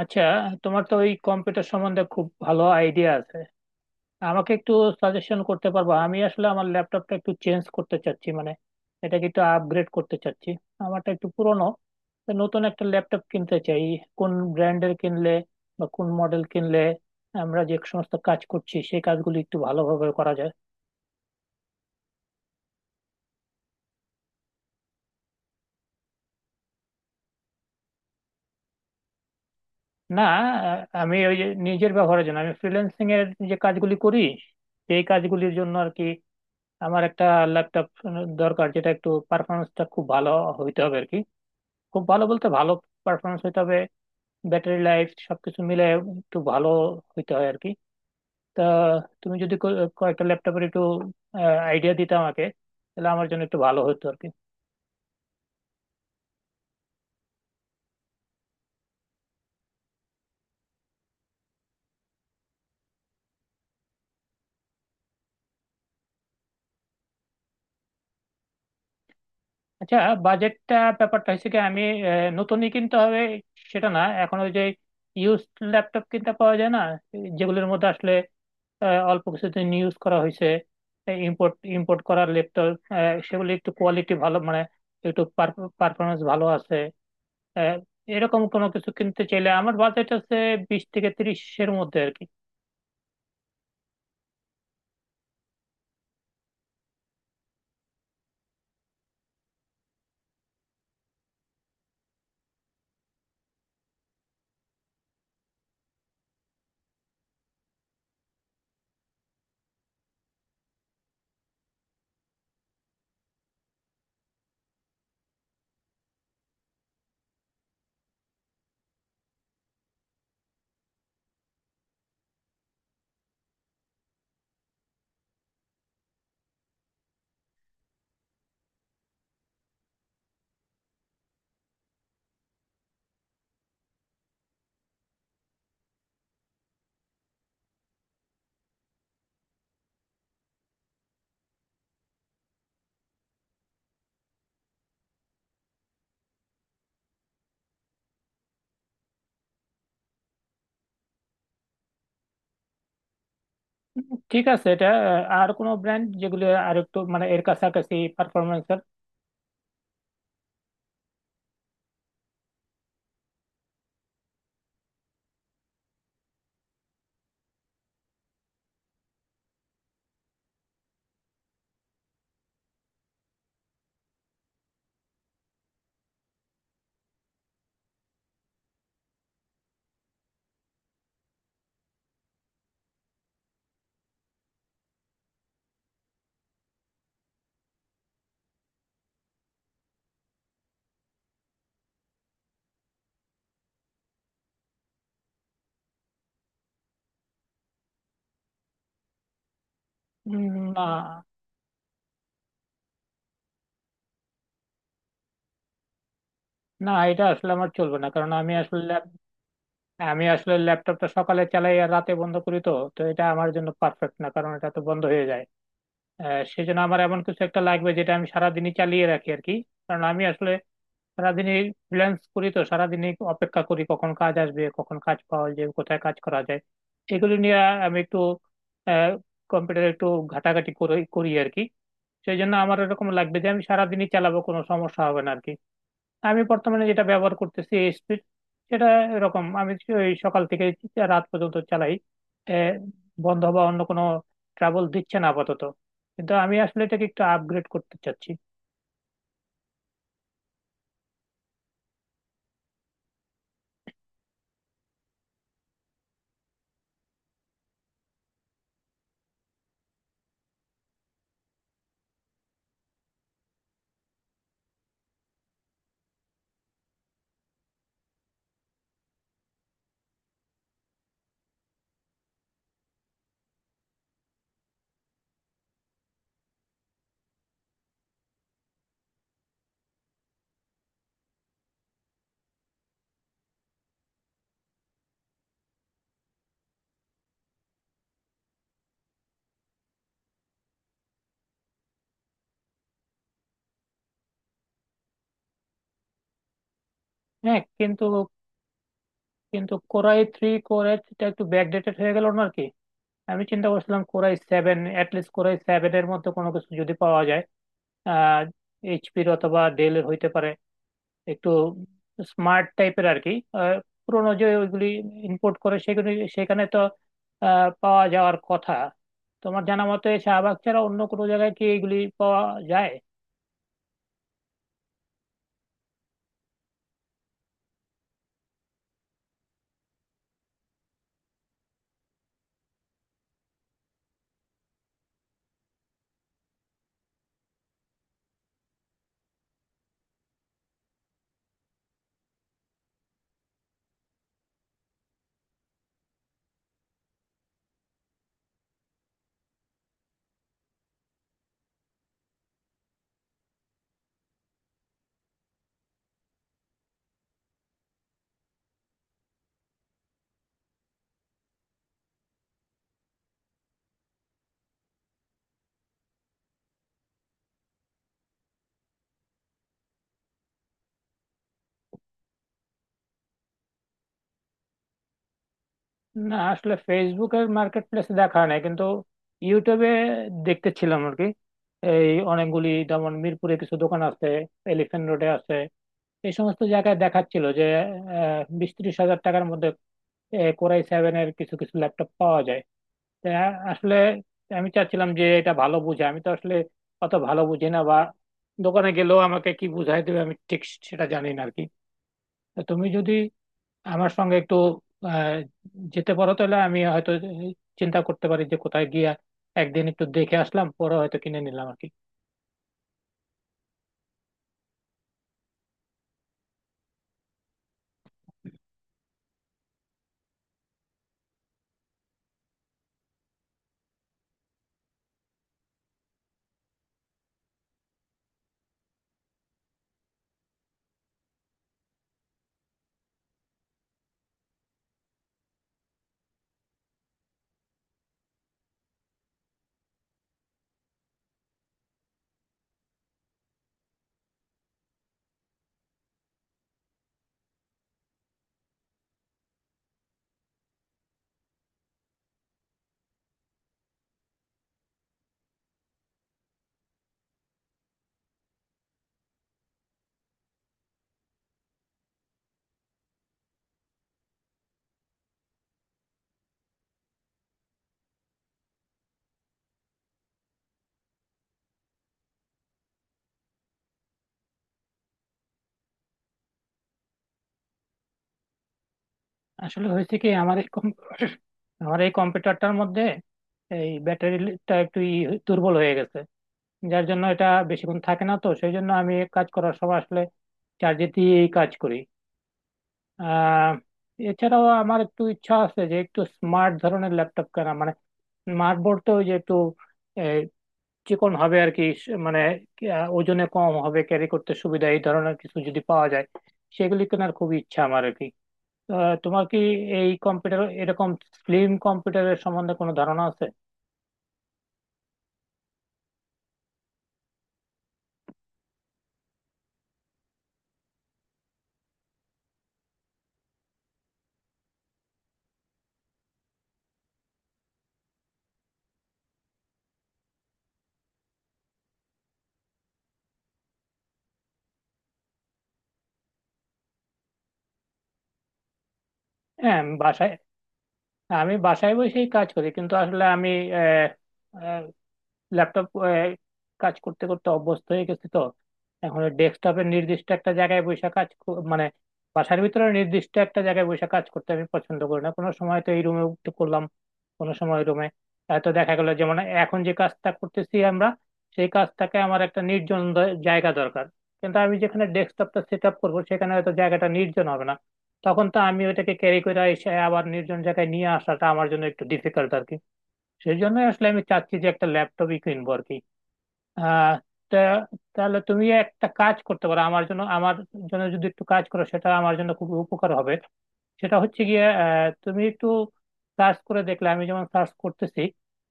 আচ্ছা, তোমার তো ওই কম্পিউটার সম্বন্ধে খুব ভালো আইডিয়া আছে। আমাকে একটু সাজেশন করতে পারবো? আমি আসলে আমার ল্যাপটপটা একটু চেঞ্জ করতে চাচ্ছি, মানে এটাকে একটু আপগ্রেড করতে চাচ্ছি। আমারটা একটু পুরনো, তো নতুন একটা ল্যাপটপ কিনতে চাই। কোন ব্র্যান্ডের কিনলে বা কোন মডেল কিনলে আমরা যে সমস্ত কাজ করছি সেই কাজগুলি একটু ভালোভাবে করা যায়। না, আমি ওই যে নিজের ব্যবহারের জন্য আমি ফ্রিল্যান্সিং এর যে কাজগুলি করি, সেই কাজগুলির জন্য আর কি। আমার একটা ল্যাপটপ দরকার যেটা একটু পারফরমেন্সটা খুব ভালো হইতে হবে আর কি। খুব ভালো বলতে ভালো পারফরমেন্স হইতে হবে, ব্যাটারি লাইফ সবকিছু মিলে একটু ভালো হইতে হয় আর কি। তা তুমি যদি কয়েকটা ল্যাপটপের একটু আইডিয়া দিতে আমাকে, তাহলে আমার জন্য একটু ভালো হতো আর কি। আচ্ছা, বাজেটটা ব্যাপারটা হচ্ছে কি, আমি নতুনই কিনতে হবে সেটা না। এখন ওই যে ইউজ ল্যাপটপ কিনতে পাওয়া যায় না, যেগুলোর মধ্যে আসলে অল্প কিছুদিন ইউজ করা হয়েছে, ইম্পোর্ট ইম্পোর্ট করা ল্যাপটপ, সেগুলো একটু কোয়ালিটি ভালো, মানে একটু পারফরমেন্স ভালো আছে। আহ, এরকম কোনো কিছু কিনতে চাইলে আমার বাজেট আছে 20 থেকে 30-এর মধ্যে আর কি। ঠিক আছে, এটা আর কোনো ব্র্যান্ড যেগুলো আর একটু মানে এর কাছাকাছি পারফরমেন্স। না, না, এটা আসলে আমার চলবে না, কারণ আমি আসলে আমি আসলে ল্যাপটপটা সকালে চালাই আর রাতে বন্ধ করি। তো তো এটা আমার জন্য পারফেক্ট না, কারণ এটা তো বন্ধ হয়ে যায়। সেজন্য আমার এমন কিছু একটা লাগবে যেটা আমি সারাদিনই চালিয়ে রাখি আর কি। কারণ আমি আসলে সারাদিনই ফ্রিল্যান্স করি, তো সারাদিনই অপেক্ষা করি কখন কাজ আসবে, কখন কাজ পাওয়া যায়, কোথায় কাজ করা যায়, এগুলো নিয়ে আমি একটু কম্পিউটারে একটু ঘাটাঘাটি করে করি আর কি। সেই জন্য আমার এরকম লাগবে যে আমি সারাদিনই চালাবো কোনো সমস্যা হবে না আর কি। আমি বর্তমানে যেটা ব্যবহার করতেছি স্পিড, সেটা এরকম আমি ওই সকাল থেকে রাত পর্যন্ত চালাই। এ, বন্ধ বা অন্য কোনো ট্রাবল দিচ্ছে না আপাতত, কিন্তু আমি আসলে এটাকে একটু আপগ্রেড করতে চাচ্ছি। হ্যাঁ, কিন্তু, কিন্তু কোরাই থ্রি, কোরাই থ্রিটা একটু ব্যাকডেটেড হয়ে গেল না আর কি। আমি চিন্তা করছিলাম core i seven, at least core i seven এর মধ্যে কোনো কিছু যদি পাওয়া যায়। আহ এইচপির অথবা ডেলের হইতে পারে, একটু স্মার্ট টাইপের আর কি। আহ, পুরোনো যে ওইগুলি ইম্পোর্ট করে, সেগুলি সেখানে তো পাওয়া যাওয়ার কথা। তোমার জানা মতে শাহবাগ ছাড়া অন্য কোনো জায়গায় কি এগুলি পাওয়া যায়? না, আসলে ফেসবুকের মার্কেট প্লেসে দেখা হয় নাই, কিন্তু ইউটিউবে দেখতেছিলাম আর কি। এই অনেকগুলি যেমন মিরপুরে কিছু দোকান আছে, এলিফ্যান্ট রোডে আছে, এই সমস্ত জায়গায় দেখাচ্ছিল যে 20-30 হাজার টাকার মধ্যে কোরাই সেভেন এর কিছু কিছু ল্যাপটপ পাওয়া যায়। তা আসলে আমি চাচ্ছিলাম যে এটা ভালো বুঝে, আমি তো আসলে অত ভালো বুঝি না, বা দোকানে গেলেও আমাকে কি বুঝাই দেবে আমি ঠিক সেটা জানি না আর কি। তো তুমি যদি আমার সঙ্গে একটু আহ, যেতে পারো, তাহলে আমি হয়তো চিন্তা করতে পারি যে কোথায় গিয়ে একদিন একটু দেখে আসলাম, পরে হয়তো কিনে নিলাম আর কি। আসলে হয়েছে কি, আমার এই আমার এই কম্পিউটারটার মধ্যে এই ব্যাটারিটা একটু দুর্বল হয়ে গেছে, যার জন্য এটা বেশিক্ষণ থাকে না। তো সেই জন্য আমি কাজ করার সময় আসলে চার্জে দিয়েই কাজ করি। আহ এছাড়াও আমার একটু ইচ্ছা আছে যে একটু স্মার্ট ধরনের ল্যাপটপ কেনা, মানে স্মার্ট বলতে ওই যে একটু আহ, চিকন হবে আর কি, মানে কি, ওজনে কম হবে, ক্যারি করতে সুবিধা, এই ধরনের কিছু যদি পাওয়া যায় সেগুলি কেনার খুব ইচ্ছা আমার আর কি। তোমার কি এই কম্পিউটার, এরকম স্লিম কম্পিউটারের সম্বন্ধে কোনো ধারণা আছে? হ্যাঁ, আমি বাসায়। আমি বাসায় বসেই কাজ করি, কিন্তু আসলে আমি ল্যাপটপ কাজ করতে করতে অভ্যস্ত হয়ে গেছি। তো এখন ডেস্কটপের নির্দিষ্ট একটা জায়গায় বসে কাজ মানে বাসার ভিতরে নির্দিষ্ট একটা জায়গায় বসে কাজ করতে আমি পছন্দ করি না। কোনো সময় তো এই রুমে করলাম, কোনো সময় রুমে। তো দেখা গেল যেমন এখন যে কাজটা করতেছি আমরা, সেই কাজটাকে আমার একটা নির্জন জায়গা দরকার, কিন্তু আমি যেখানে ডেস্কটপটা সেট আপ করবো সেখানে হয়তো জায়গাটা নির্জন হবে না। তখন তো আমি ওইটাকে ক্যারি করে এসে আবার নির্জন জায়গায় নিয়ে আসাটা আমার জন্য একটু ডিফিকাল্ট আর কি। সেই জন্য আসলে আমি চাচ্ছি যে একটা ল্যাপটপই কিনবো আর কি। আহ তা তাহলে তুমি একটা কাজ করতে পারো আমার জন্য। আমার জন্য যদি একটু কাজ করো, সেটা আমার জন্য খুব উপকার হবে। সেটা হচ্ছে গিয়ে, তুমি একটু সার্চ করে দেখলে, আমি যেমন সার্চ করতেছি,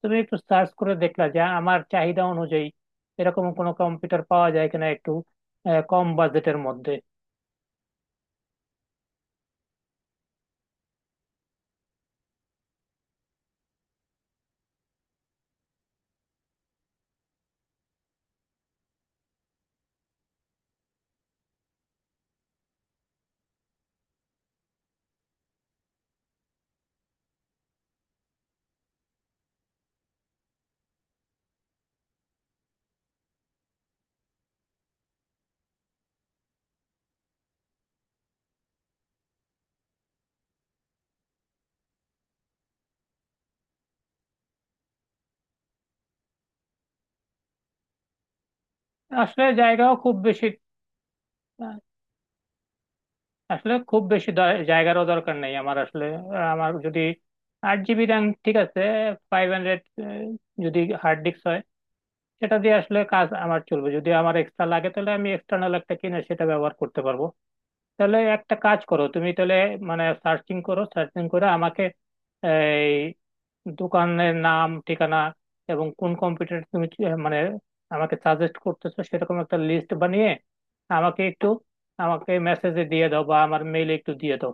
তুমি একটু সার্চ করে দেখলা যে আমার চাহিদা অনুযায়ী এরকম কোনো কম্পিউটার পাওয়া যায় কিনা, একটু কম বাজেটের মধ্যে। আসলে জায়গাও খুব বেশি, আসলে খুব বেশি জায়গারও দরকার নেই আমার আসলে। আমার যদি 8 জিবি র্যাম ঠিক আছে, 500 যদি হার্ড ডিস্ক হয়, সেটা দিয়ে আসলে কাজ আমার চলবে। যদি আমার এক্সট্রা লাগে তাহলে আমি এক্সটার্নাল একটা কিনে সেটা ব্যবহার করতে পারবো। তাহলে একটা কাজ করো তুমি তাহলে, মানে সার্চিং করো, সার্চিং করে আমাকে এই দোকানের নাম, ঠিকানা, এবং কোন কম্পিউটার তুমি মানে আমাকে সাজেস্ট করতেছো সেরকম একটা লিস্ট বানিয়ে আমাকে একটু, আমাকে মেসেজে দিয়ে দাও বা আমার মেইলে একটু দিয়ে দাও।